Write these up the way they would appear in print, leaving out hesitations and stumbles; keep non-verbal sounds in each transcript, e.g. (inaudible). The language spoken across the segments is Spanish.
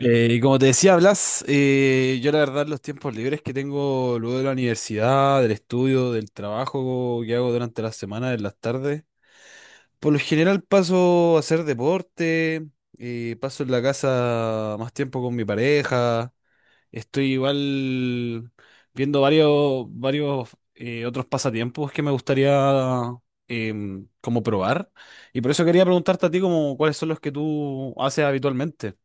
Y como te decía, Blas, yo la verdad los tiempos libres que tengo luego de la universidad, del estudio, del trabajo que hago durante la semana, en las tardes, por lo general paso a hacer deporte, paso en la casa más tiempo con mi pareja, estoy igual viendo varios otros pasatiempos que me gustaría como probar. Y por eso quería preguntarte a ti como cuáles son los que tú haces habitualmente.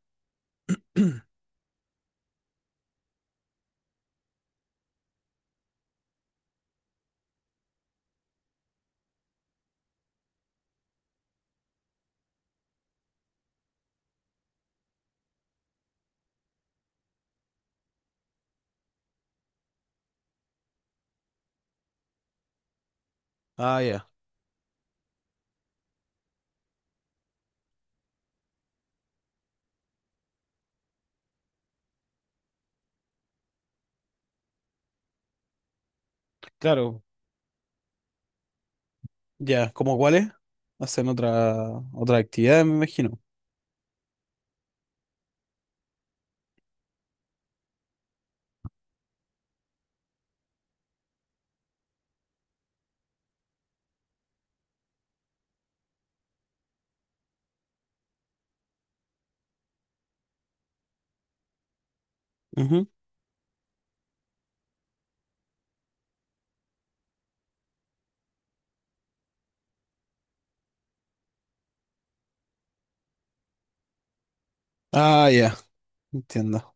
Ah, ya. Claro. Ya, ¿cómo cuáles? Hacen otra actividad, me imagino. Ujú. Ah, ya, entiendo,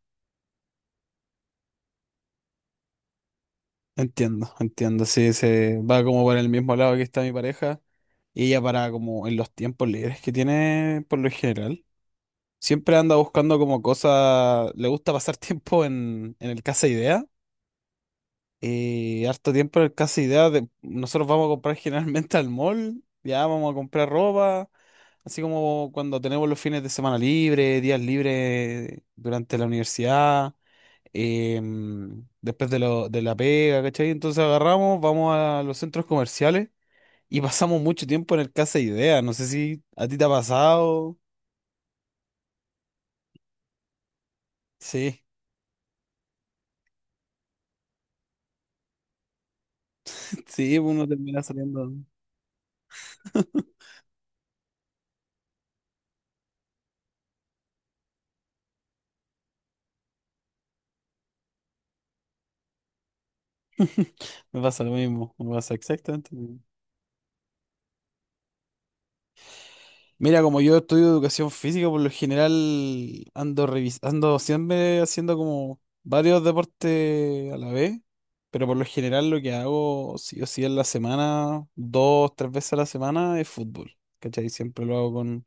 entiendo, entiendo. Sí, se va como por el mismo lado que está mi pareja. Y ella para como en los tiempos libres que tiene por lo general. Siempre anda buscando como cosas, le gusta pasar (laughs) tiempo en el Casa Idea. Y harto tiempo en el Casa Idea, nosotros vamos a comprar generalmente al mall, ya vamos a comprar ropa. Así como cuando tenemos los fines de semana libres, días libres durante la universidad, después de, de la pega, ¿cachai? Entonces agarramos, vamos a los centros comerciales y (laughs) pasamos mucho tiempo en el Casa Idea. No sé si a ti te ha pasado. Sí, (laughs) sí, uno termina saliendo. (laughs) Me pasa lo mismo, me pasa exactamente. Mira, como yo estudio educación física, por lo general ando revisando, siempre haciendo como varios deportes a la vez, pero por lo general lo que hago, sí o sí, en la semana, dos, tres veces a la semana, es fútbol. ¿Cachai? Siempre lo hago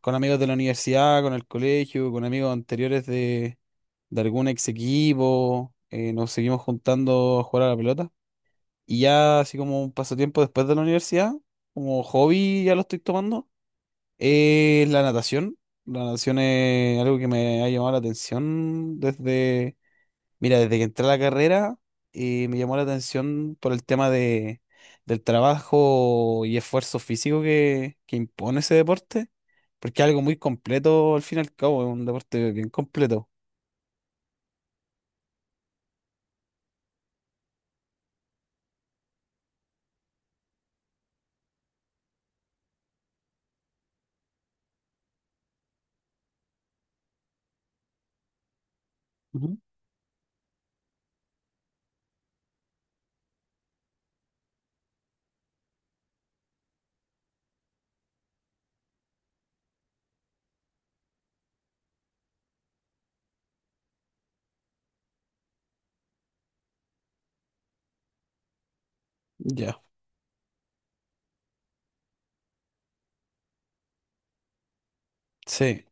con amigos de la universidad, con el colegio, con amigos anteriores de algún ex equipo, nos seguimos juntando a jugar a la pelota. Y ya así como un pasatiempo después de la universidad, como hobby ya lo estoy tomando la natación. La natación es algo que me ha llamado la atención desde, mira, desde que entré a la carrera y me llamó la atención por el tema de, del trabajo y esfuerzo físico que impone ese deporte, porque es algo muy completo al fin y al cabo, es un deporte bien completo. Ujú. Ya. Sí,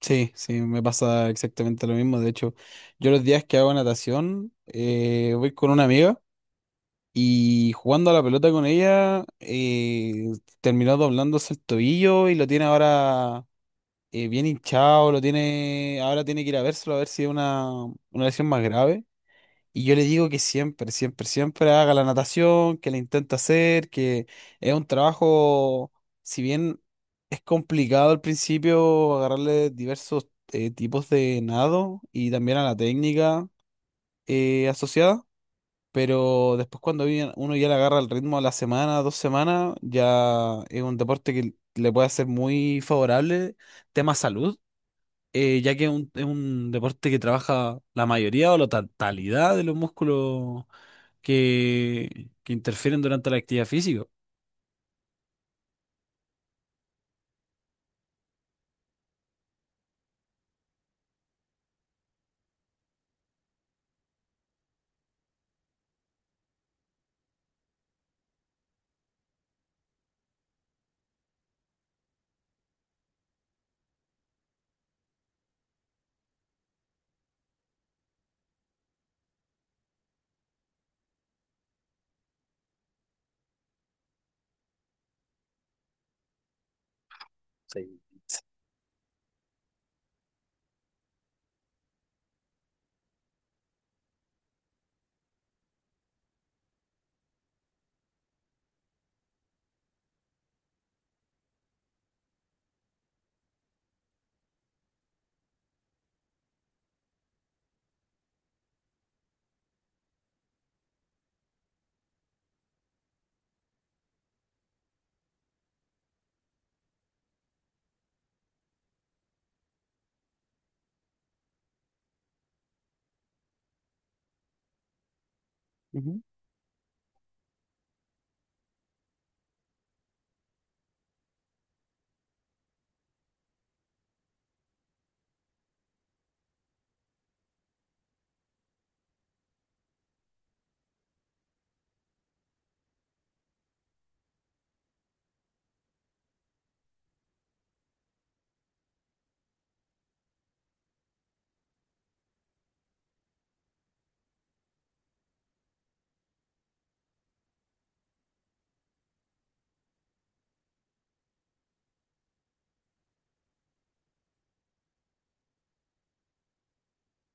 sí, sí, me pasa exactamente lo mismo. De hecho, yo los días que hago natación, voy con una amiga. Y jugando a la pelota con ella, terminó doblándose el tobillo y lo tiene ahora bien hinchado, lo tiene, ahora tiene que ir a vérselo a ver si es una lesión más grave. Y yo le digo que siempre, siempre, siempre haga la natación, que la intenta hacer, que es un trabajo, si bien es complicado al principio agarrarle diversos tipos de nado y también a la técnica asociada, pero después cuando uno ya le agarra el ritmo a la semana, dos semanas, ya es un deporte que le puede hacer muy favorable tema salud, ya que es un deporte que trabaja la mayoría o la totalidad de los músculos que interfieren durante la actividad física.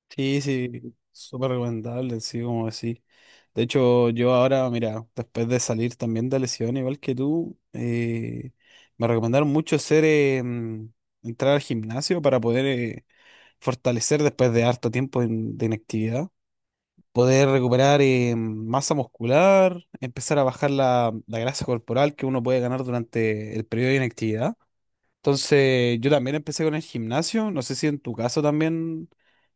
Sí, sí, súper recomendable, sí, como decís. De hecho, yo ahora, mira, después de salir también de lesión, igual que tú, me recomendaron mucho hacer, entrar al gimnasio para poder fortalecer después de harto tiempo de inactividad, poder recuperar masa muscular, empezar a bajar la grasa corporal que uno puede ganar durante el periodo de inactividad. Entonces, yo también empecé con el gimnasio. No sé si en tu caso también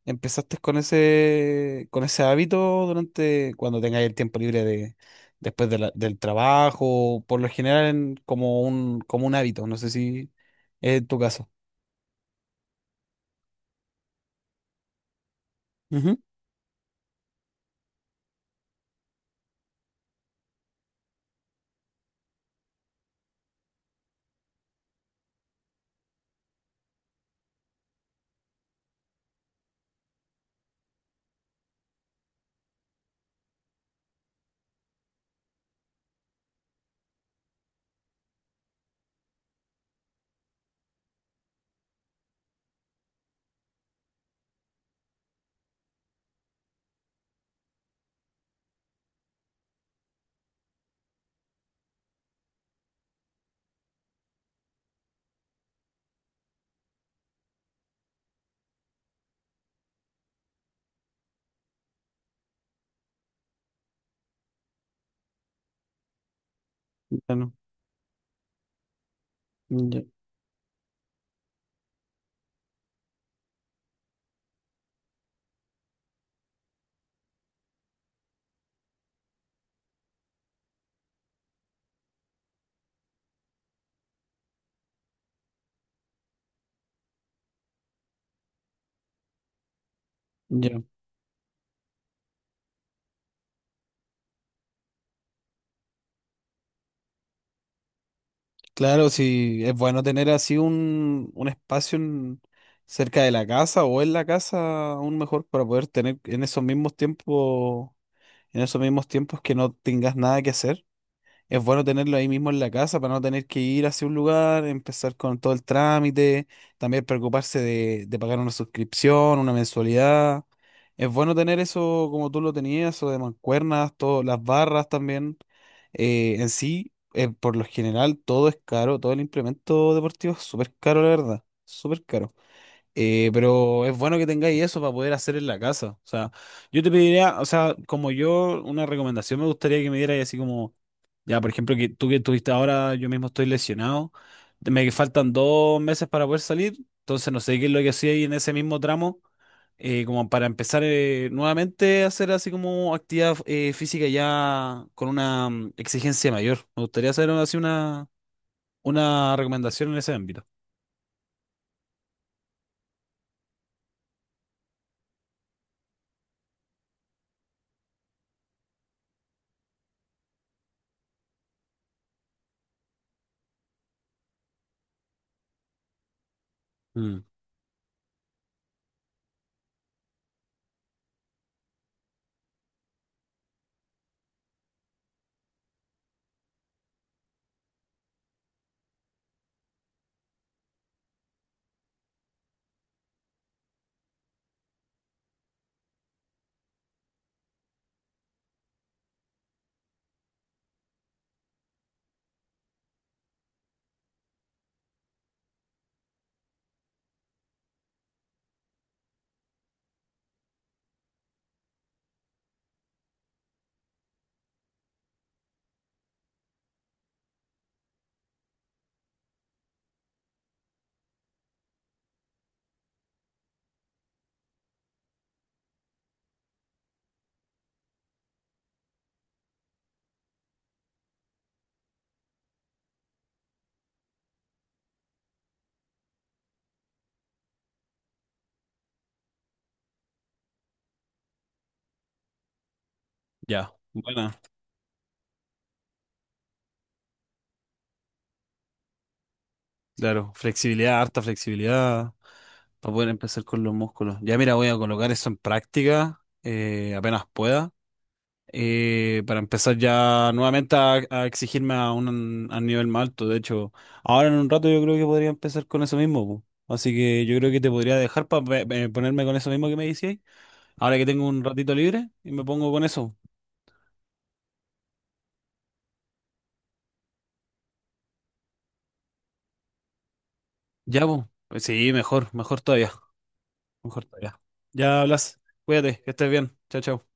empezaste con ese hábito durante cuando tengáis el tiempo libre de, después de del trabajo, por lo general como un hábito. No sé si es en tu caso. Ujú. Bueno, ya, ya. Claro, sí, es bueno tener así un espacio cerca de la casa o en la casa, aún mejor para poder tener en esos mismos tiempos en esos mismos tiempos que no tengas nada que hacer. Es bueno tenerlo ahí mismo en la casa para no tener que ir hacia un lugar, empezar con todo el trámite, también preocuparse de pagar una suscripción, una mensualidad. Es bueno tener eso como tú lo tenías, o de mancuernas, todo, las barras también. En sí, por lo general, todo es caro, todo el implemento deportivo es súper caro, la verdad, súper caro. Pero es bueno que tengáis eso para poder hacer en la casa. O sea, yo te pediría, o sea, como yo, una recomendación me gustaría que me dierais así como, ya, por ejemplo, que tú que estuviste ahora, yo mismo estoy lesionado, me faltan dos meses para poder salir, entonces no sé qué es lo que hacía ahí en ese mismo tramo, como para empezar nuevamente a hacer así como actividad física ya con una exigencia mayor. Me gustaría hacer así una recomendación en ese ámbito. Mm, ya, buena. Claro, flexibilidad, harta flexibilidad para poder empezar con los músculos. Ya mira, voy a colocar eso en práctica apenas pueda, para empezar ya nuevamente a exigirme a un nivel más alto. De hecho, ahora en un rato yo creo que podría empezar con eso mismo. Po. Así que yo creo que te podría dejar para ponerme con eso mismo que me decías. Ahora que tengo un ratito libre y me pongo con eso. Ya, po. Pues sí, mejor, mejor todavía, mejor todavía. Ya hablas. Cuídate, que estés bien. Chao, chao.